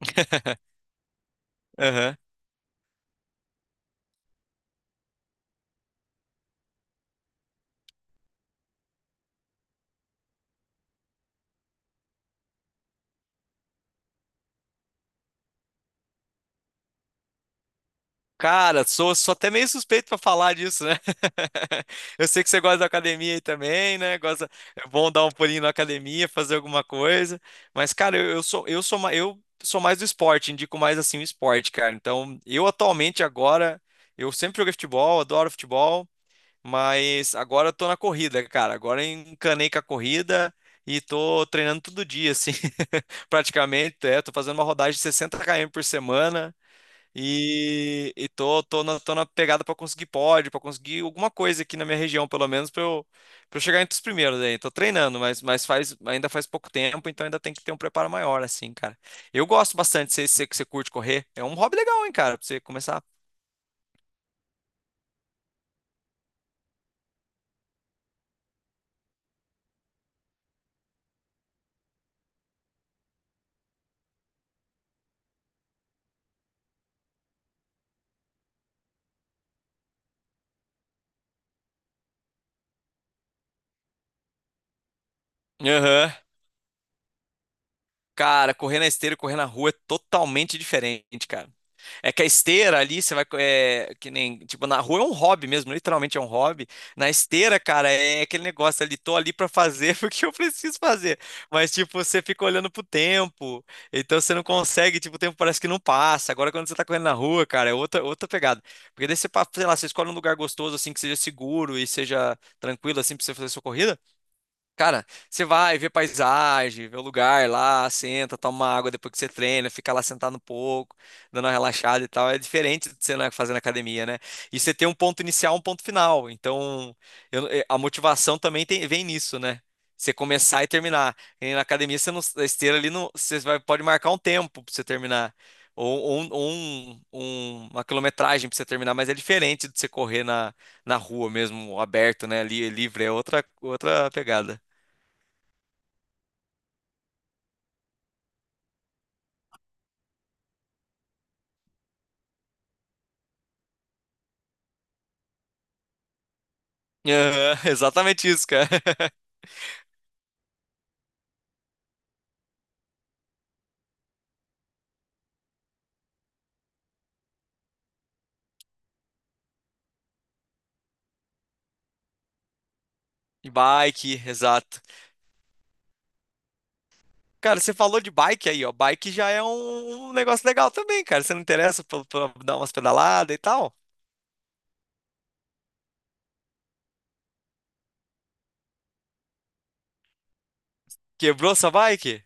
Aham. Cara, sou até meio suspeito pra falar disso, né? Eu sei que você gosta da academia aí também, né? Gosta, é bom dar um pulinho na academia, fazer alguma coisa. Mas, cara, eu sou mais do esporte, indico mais assim o esporte, cara. Então, eu atualmente agora, eu sempre joguei futebol, adoro futebol, mas agora eu tô na corrida, cara. Agora eu encanei com a corrida e tô treinando todo dia, assim, praticamente. É, tô fazendo uma rodagem de 60 km por semana. E, tô na pegada pra conseguir pra conseguir alguma coisa aqui na minha região, pelo menos, pra eu chegar entre os primeiros aí. Tô treinando, mas ainda faz pouco tempo, então ainda tem que ter um preparo maior, assim, cara. Eu gosto bastante, sei que você curte correr. É um hobby legal, hein, cara, pra você começar. Aham. Cara, correr na esteira e correr na rua é totalmente diferente, cara. É que a esteira ali, você vai. É, que nem. Tipo, na rua é um hobby mesmo, literalmente é um hobby. Na esteira, cara, é aquele negócio ali, tô ali pra fazer porque eu preciso fazer. Mas, tipo, você fica olhando pro tempo, então você não consegue, tipo, o tempo parece que não passa. Agora, quando você tá correndo na rua, cara, é outra, outra pegada. Porque daí você, sei lá, você escolhe um lugar gostoso, assim, que seja seguro e seja tranquilo, assim, pra você fazer sua corrida. Cara, você vai ver paisagem, vê o lugar lá, senta, toma uma água depois que você treina, fica lá sentado um pouco, dando uma relaxada e tal. É diferente de você, né, fazer na academia, né? E você tem um ponto inicial, um ponto final. Então, a motivação também vem nisso, né? Você começar e terminar. E na academia, você não, na esteira ali, não, você vai, pode marcar um tempo pra você terminar. Uma quilometragem pra você terminar, mas é diferente de você correr na, na rua mesmo, aberto, né? Ali, livre, é outra, outra pegada. Aham, exatamente isso, cara. Bike, exato. Cara, você falou de bike aí, ó. Bike já é um negócio legal também, cara. Você não interessa pra dar umas pedaladas e tal? Quebrou sua bike?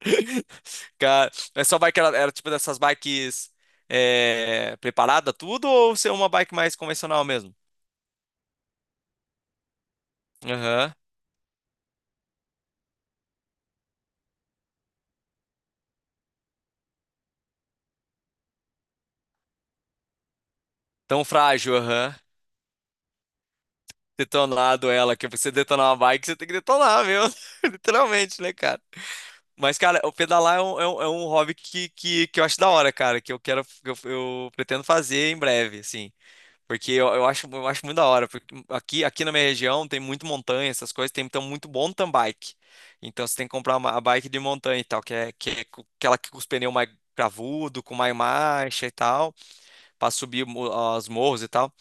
Cara, mas sua bike era tipo dessas bikes, é, preparada tudo ou ser uma bike mais convencional mesmo? Aham. Tão frágil, aham. Detonado ela, que pra você detonar uma bike, você tem que detonar, meu. Literalmente, né, cara? Mas, cara, o pedalar é um hobby que eu acho da hora, cara, que eu quero, eu pretendo fazer em breve, assim. Porque eu acho muito da hora, porque aqui na minha região tem muito montanha, essas coisas, tem então muito mountain bike. Então você tem que comprar uma a bike de montanha e tal, aquela que com os pneus mais cravudo, com mais marcha e tal para subir as morros e tal.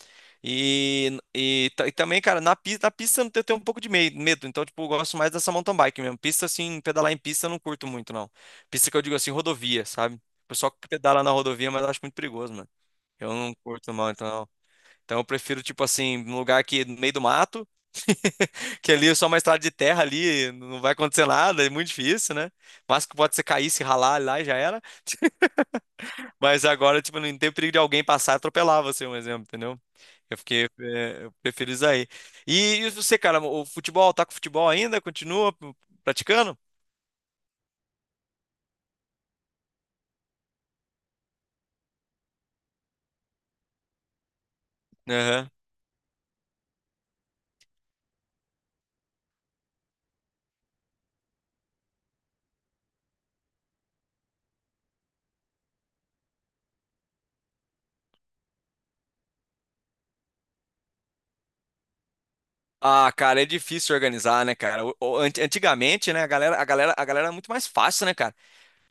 E também, cara, na pista eu tenho um pouco de medo, então, tipo, eu gosto mais dessa mountain bike mesmo. Pista, assim, pedalar em pista eu não curto muito, não. Pista que eu digo assim, rodovia, sabe? O pessoal que pedala na rodovia, mas eu acho muito perigoso, mano. Eu não curto, não, então. Então eu prefiro, tipo assim, um lugar que no meio do mato, que ali é só uma estrada de terra ali, não vai acontecer nada, é muito difícil, né? Mas que pode ser cair, se ralar lá e já era. Mas agora, tipo, não tem perigo de alguém passar e atropelar você, um exemplo, entendeu? Eu fiquei, é, eu prefiro isso aí. E você, cara, o futebol, tá com futebol ainda? Continua praticando? Aham. Ah, cara, é difícil organizar, né, cara? Antigamente, né, a galera era muito mais fácil, né, cara?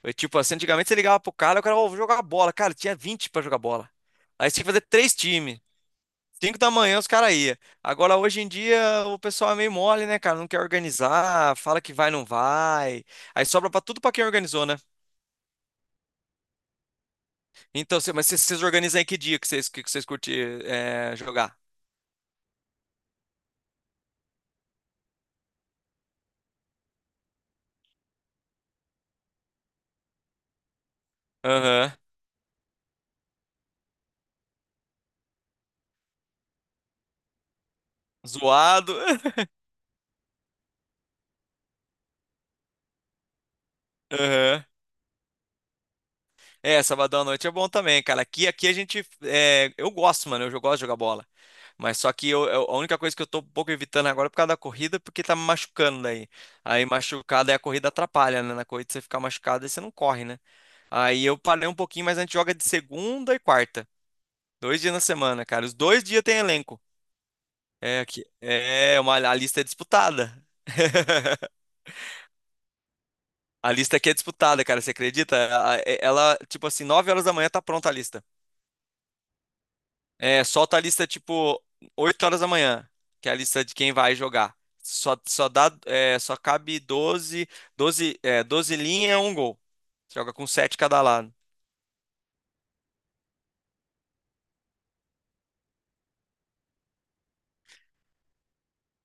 É tipo assim, antigamente você ligava pro cara, o cara, ô, vou jogar bola. Cara, tinha 20 pra jogar bola. Aí você tinha que fazer três times. 5 da manhã os caras iam. Agora, hoje em dia, o pessoal é meio mole, né, cara? Não quer organizar, fala que vai, não vai. Aí sobra pra tudo pra quem organizou, né? Então, mas vocês organizam em que dia que vocês curtir, é, jogar? Aham. Zoado. Aham. É, sabadão à noite é bom também, cara. Aqui, aqui a gente, é, eu gosto, mano. Eu, gosto de jogar bola. Mas só que a única coisa que eu tô um pouco evitando agora é por causa da corrida, porque tá me machucando daí. Aí machucado, aí a corrida atrapalha, né? Na corrida você fica machucado e você não corre, né? Aí eu parei um pouquinho, mas a gente joga de segunda e quarta. Dois dias na semana, cara. Os dois dias tem elenco. É, aqui, é uma, a lista é disputada. A lista aqui é disputada, cara, você acredita? Ela, tipo assim, 9 horas da manhã tá pronta a lista. É, solta a lista, tipo, 8 horas da manhã, que é a lista de quem vai jogar. Só, só dá, é, só cabe 12 linhas, um gol. Joga com 7 cada lado.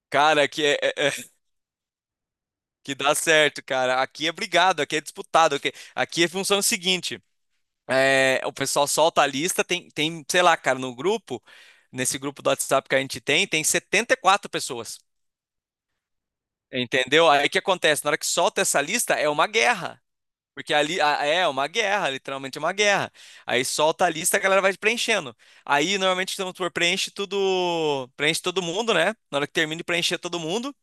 Cara, que dá certo, cara. Aqui é brigado, aqui é disputado. Aqui, aqui é função seguinte. É, o pessoal solta a lista, tem sei lá, cara, no grupo, nesse grupo do WhatsApp que a gente tem, tem 74 pessoas. Entendeu? Aí o que acontece? Na hora que solta essa lista, é uma guerra. Porque ali é uma guerra, literalmente uma guerra. Aí solta a lista, a galera vai preenchendo. Aí normalmente então, tu preenche tudo, preenche todo mundo, né? Na hora que termina de preencher todo mundo,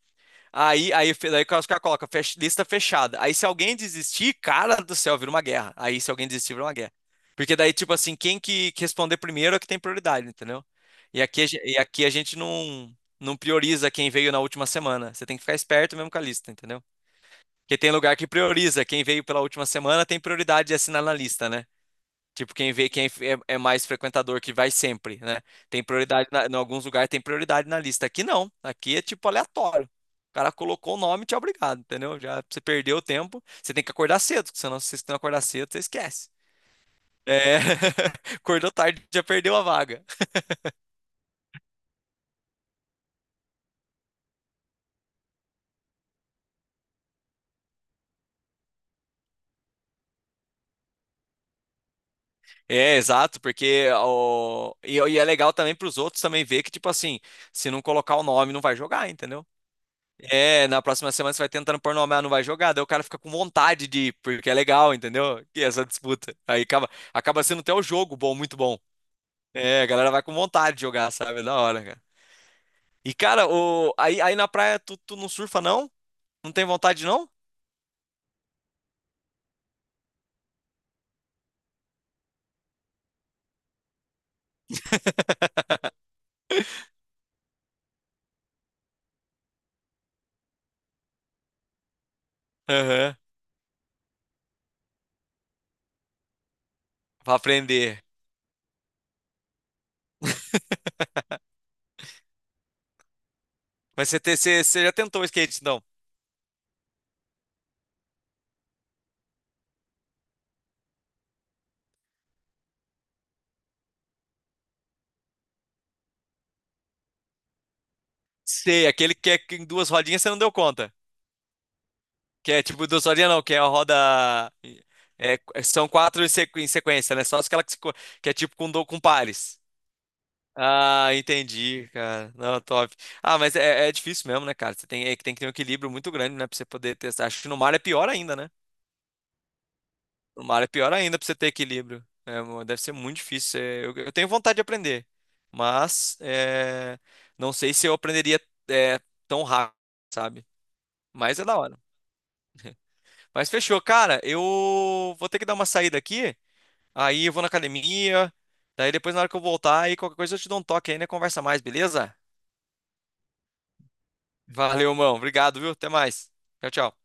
Daí os caras colocam lista fechada. Aí se alguém desistir, cara do céu, vira uma guerra. Aí se alguém desistir, vira uma guerra. Porque daí, tipo assim, quem que responder primeiro é que tem prioridade, entendeu? E aqui, a gente não prioriza quem veio na última semana. Você tem que ficar esperto mesmo com a lista, entendeu? Porque tem lugar que prioriza. Quem veio pela última semana tem prioridade de assinar na lista, né? Tipo, quem vê quem é, é mais frequentador que vai sempre, né? Tem prioridade, na, em alguns lugares tem prioridade na lista. Aqui não, aqui é tipo aleatório. O cara colocou o nome, e te é obrigado, entendeu? Já você perdeu o tempo, você tem que acordar cedo, porque senão se você não acordar cedo, você esquece. É, acordou tarde, já perdeu a vaga. É, exato, porque o, e é legal também para os outros também ver que, tipo assim, se não colocar o nome, não vai jogar, entendeu? É, na próxima semana você vai tentando pôr no homem, ah, não vai jogar, daí o cara fica com vontade de ir, porque é legal, entendeu? E essa disputa. Acaba sendo até o jogo bom, muito bom. É, a galera vai com vontade de jogar, sabe? É da hora, cara. E, cara, o, aí na praia tu não surfa, não? Não tem vontade, não? Aham. Pra aprender. Mas você já tentou o skate, então? Sei, aquele que é em duas rodinhas você não deu conta. Que é tipo duas rodinhas, não, que é a roda. É, são quatro em sequência, né? Só aquela que, se co- que é tipo com, com pares. Ah, entendi, cara. Não, top. Ah, mas é, é difícil mesmo, né, cara? Você tem, é que tem que ter um equilíbrio muito grande, né, pra você poder testar. Acho que no mar é pior ainda, né? No mar é pior ainda pra você ter equilíbrio. É, deve ser muito difícil. É, eu tenho vontade de aprender, mas é, não sei se eu aprenderia, é, tão rápido, sabe? Mas é da hora. Mas fechou, cara. Eu vou ter que dar uma saída aqui. Aí eu vou na academia. Daí depois, na hora que eu voltar, aí qualquer coisa eu te dou um toque aí, né? Conversa mais, beleza? Valeu, mão. Obrigado, viu? Até mais. Tchau, tchau.